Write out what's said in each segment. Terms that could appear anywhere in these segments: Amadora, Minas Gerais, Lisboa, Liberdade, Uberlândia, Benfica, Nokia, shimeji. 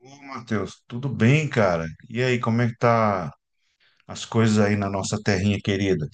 Ô, Matheus, tudo bem, cara? E aí, como é que tá as coisas aí na nossa terrinha querida?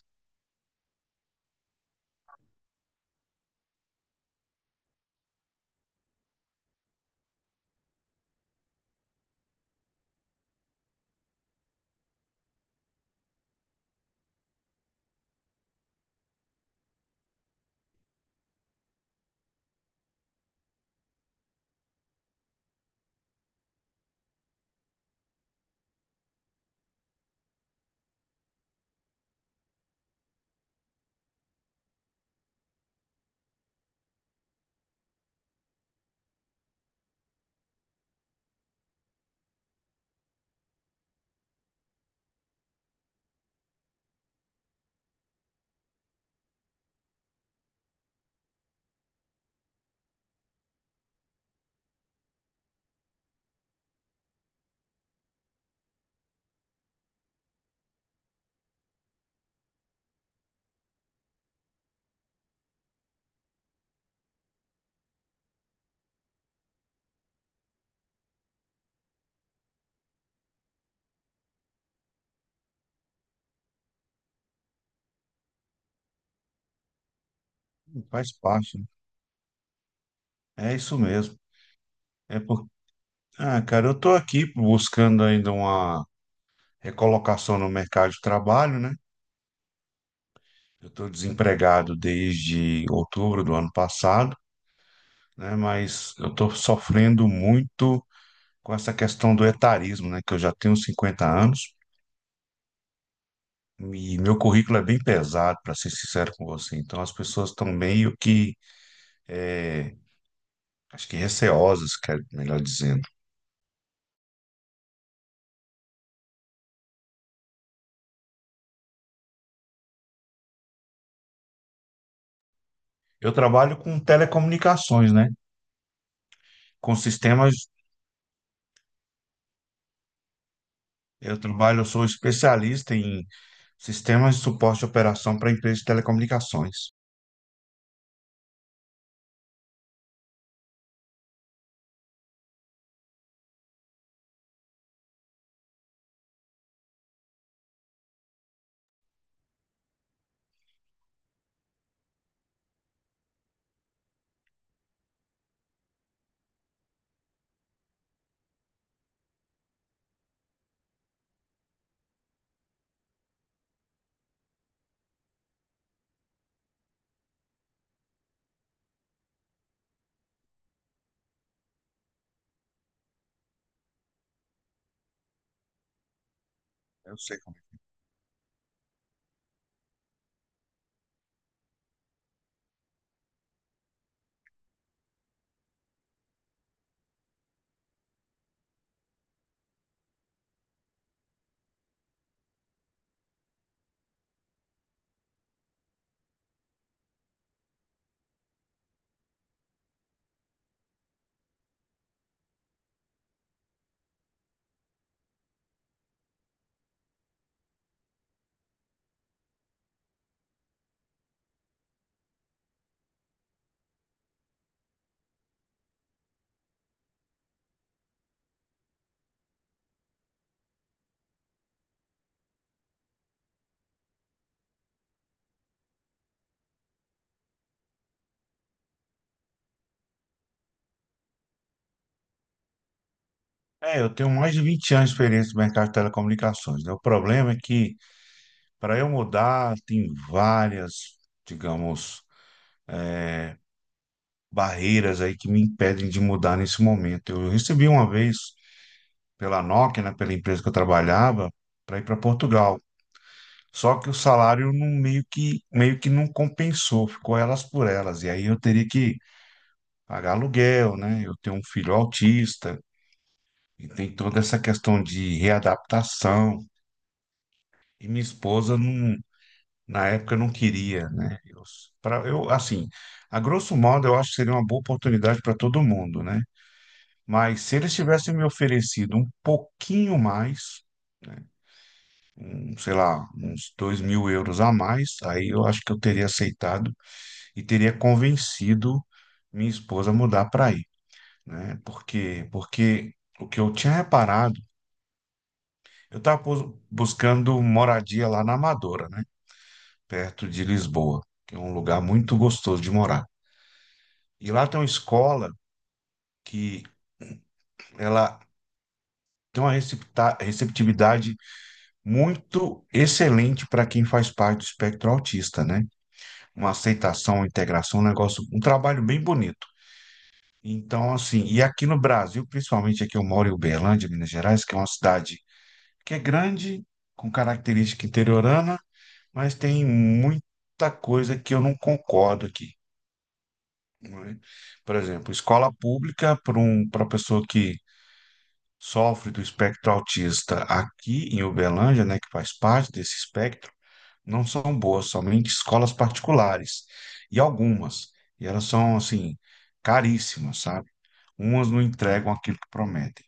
Faz parte, né? É isso mesmo. É por... Ah, cara, eu tô aqui buscando ainda uma recolocação no mercado de trabalho, né? Eu tô desempregado desde outubro do ano passado, né? Mas eu tô sofrendo muito com essa questão do etarismo, né? Que eu já tenho 50 anos e meu currículo é bem pesado, para ser sincero com você. Então as pessoas estão meio que eh, acho que receosas, melhor dizendo. Eu trabalho com telecomunicações, né? Com sistemas, eu trabalho, eu sou especialista em sistemas de suporte de operação para empresas de telecomunicações. Eu sei como. É, eu tenho mais de 20 anos de experiência no mercado de telecomunicações, né? O problema é que para eu mudar, tem várias, digamos, barreiras aí que me impedem de mudar nesse momento. Eu recebi uma vez pela Nokia, né, pela empresa que eu trabalhava, para ir para Portugal. Só que o salário não, meio que, não compensou, ficou elas por elas. E aí eu teria que pagar aluguel, né? Eu tenho um filho autista, e tem toda essa questão de readaptação. E minha esposa, não, na época, não queria, né? Eu, assim, a grosso modo, eu acho que seria uma boa oportunidade para todo mundo, né? Mas se eles tivessem me oferecido um pouquinho mais, né? Um, sei lá, uns 2.000 euros a mais, aí eu acho que eu teria aceitado e teria convencido minha esposa a mudar para aí, né? Porque o que eu tinha reparado, eu estava buscando moradia lá na Amadora, né? Perto de Lisboa, que é um lugar muito gostoso de morar. E lá tem uma escola que ela tem uma receptividade muito excelente para quem faz parte do espectro autista, né? Uma aceitação, uma integração, um negócio, um trabalho bem bonito. Então, assim, e aqui no Brasil, principalmente aqui eu moro em Uberlândia, Minas Gerais, que é uma cidade que é grande, com característica interiorana, mas tem muita coisa que eu não concordo aqui, não é? Por exemplo, escola pública para pessoa que sofre do espectro autista aqui em Uberlândia, né, que faz parte desse espectro, não são boas, somente escolas particulares, e algumas, e elas são, assim, caríssimas, sabe? Umas não entregam aquilo que prometem.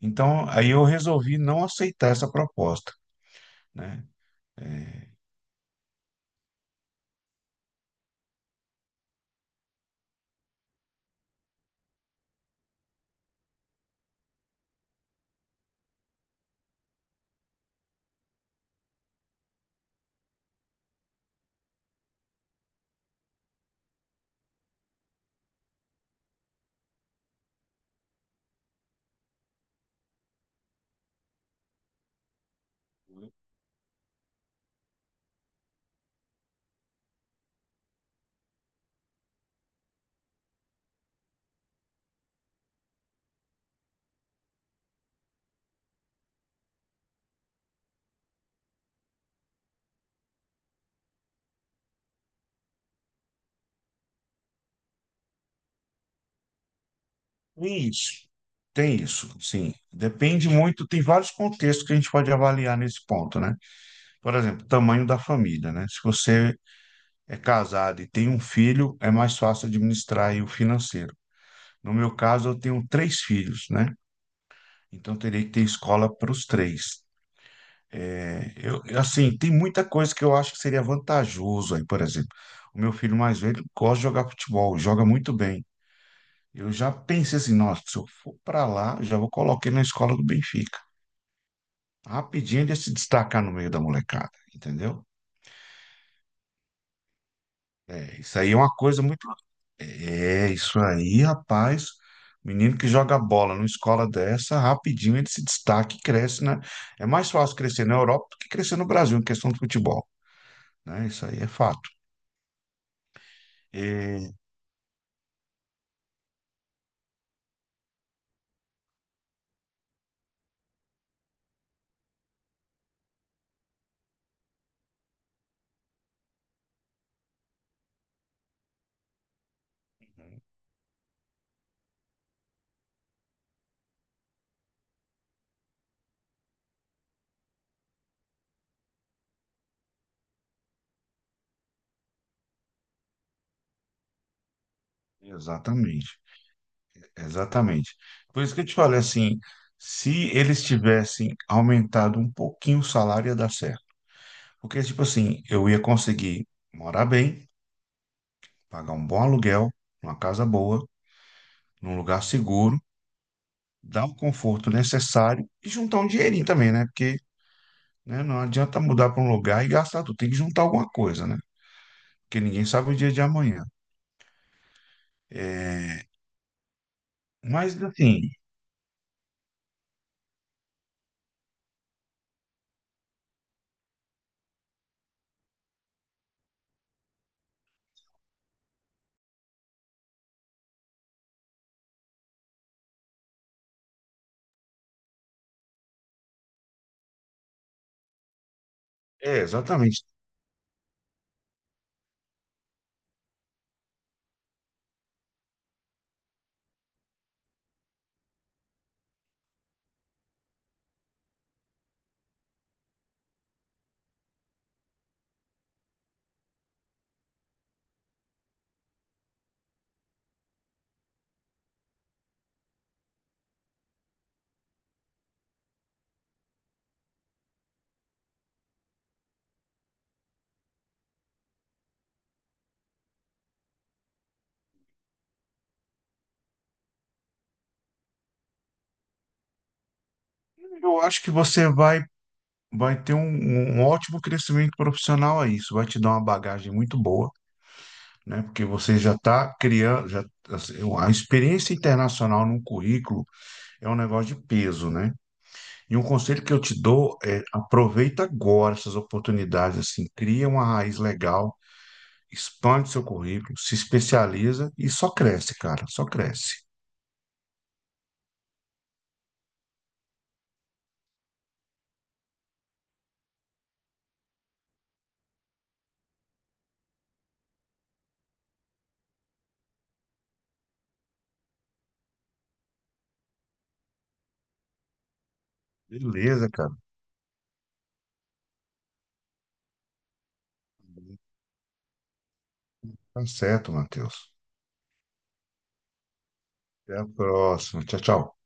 Então, aí eu resolvi não aceitar essa proposta, né? Tem isso, tem isso, sim. Depende muito, tem vários contextos que a gente pode avaliar nesse ponto, né? Por exemplo, tamanho da família, né? Se você é casado e tem um filho, é mais fácil administrar aí o financeiro. No meu caso, eu tenho três filhos, né? Então, teria que ter escola para os três. É, eu, assim, tem muita coisa que eu acho que seria vantajoso aí, por exemplo. O meu filho mais velho gosta de jogar futebol, joga muito bem. Eu já pensei assim, nossa, se eu for para lá, já vou colocar ele na escola do Benfica. Rapidinho de se destacar no meio da molecada, entendeu? É, isso aí é uma coisa muito. É, isso aí, rapaz. Menino que joga bola numa escola dessa, rapidinho ele se destaca e cresce, né? É mais fácil crescer na Europa do que crescer no Brasil em questão de futebol, né? Isso aí é fato. E, Exatamente, exatamente. Por isso que eu te falei assim, se eles tivessem aumentado um pouquinho o salário, ia dar certo. Porque, tipo assim, eu ia conseguir morar bem, pagar um bom aluguel, uma casa boa, num lugar seguro, dar o conforto necessário e juntar um dinheirinho também, né? Porque, né, não adianta mudar para um lugar e gastar tudo, tem que juntar alguma coisa, né? Porque ninguém sabe o dia de amanhã. É, mas, assim, é exatamente. Eu acho que você vai ter um ótimo crescimento profissional aí. Isso vai te dar uma bagagem muito boa, né? Porque você já está criando, já, assim, a experiência internacional num currículo é um negócio de peso, né? E um conselho que eu te dou é aproveita agora essas oportunidades, assim, cria uma raiz legal, expande seu currículo, se especializa e só cresce, cara, só cresce. Beleza, cara. Tá certo, Matheus. Até a próxima. Tchau, tchau.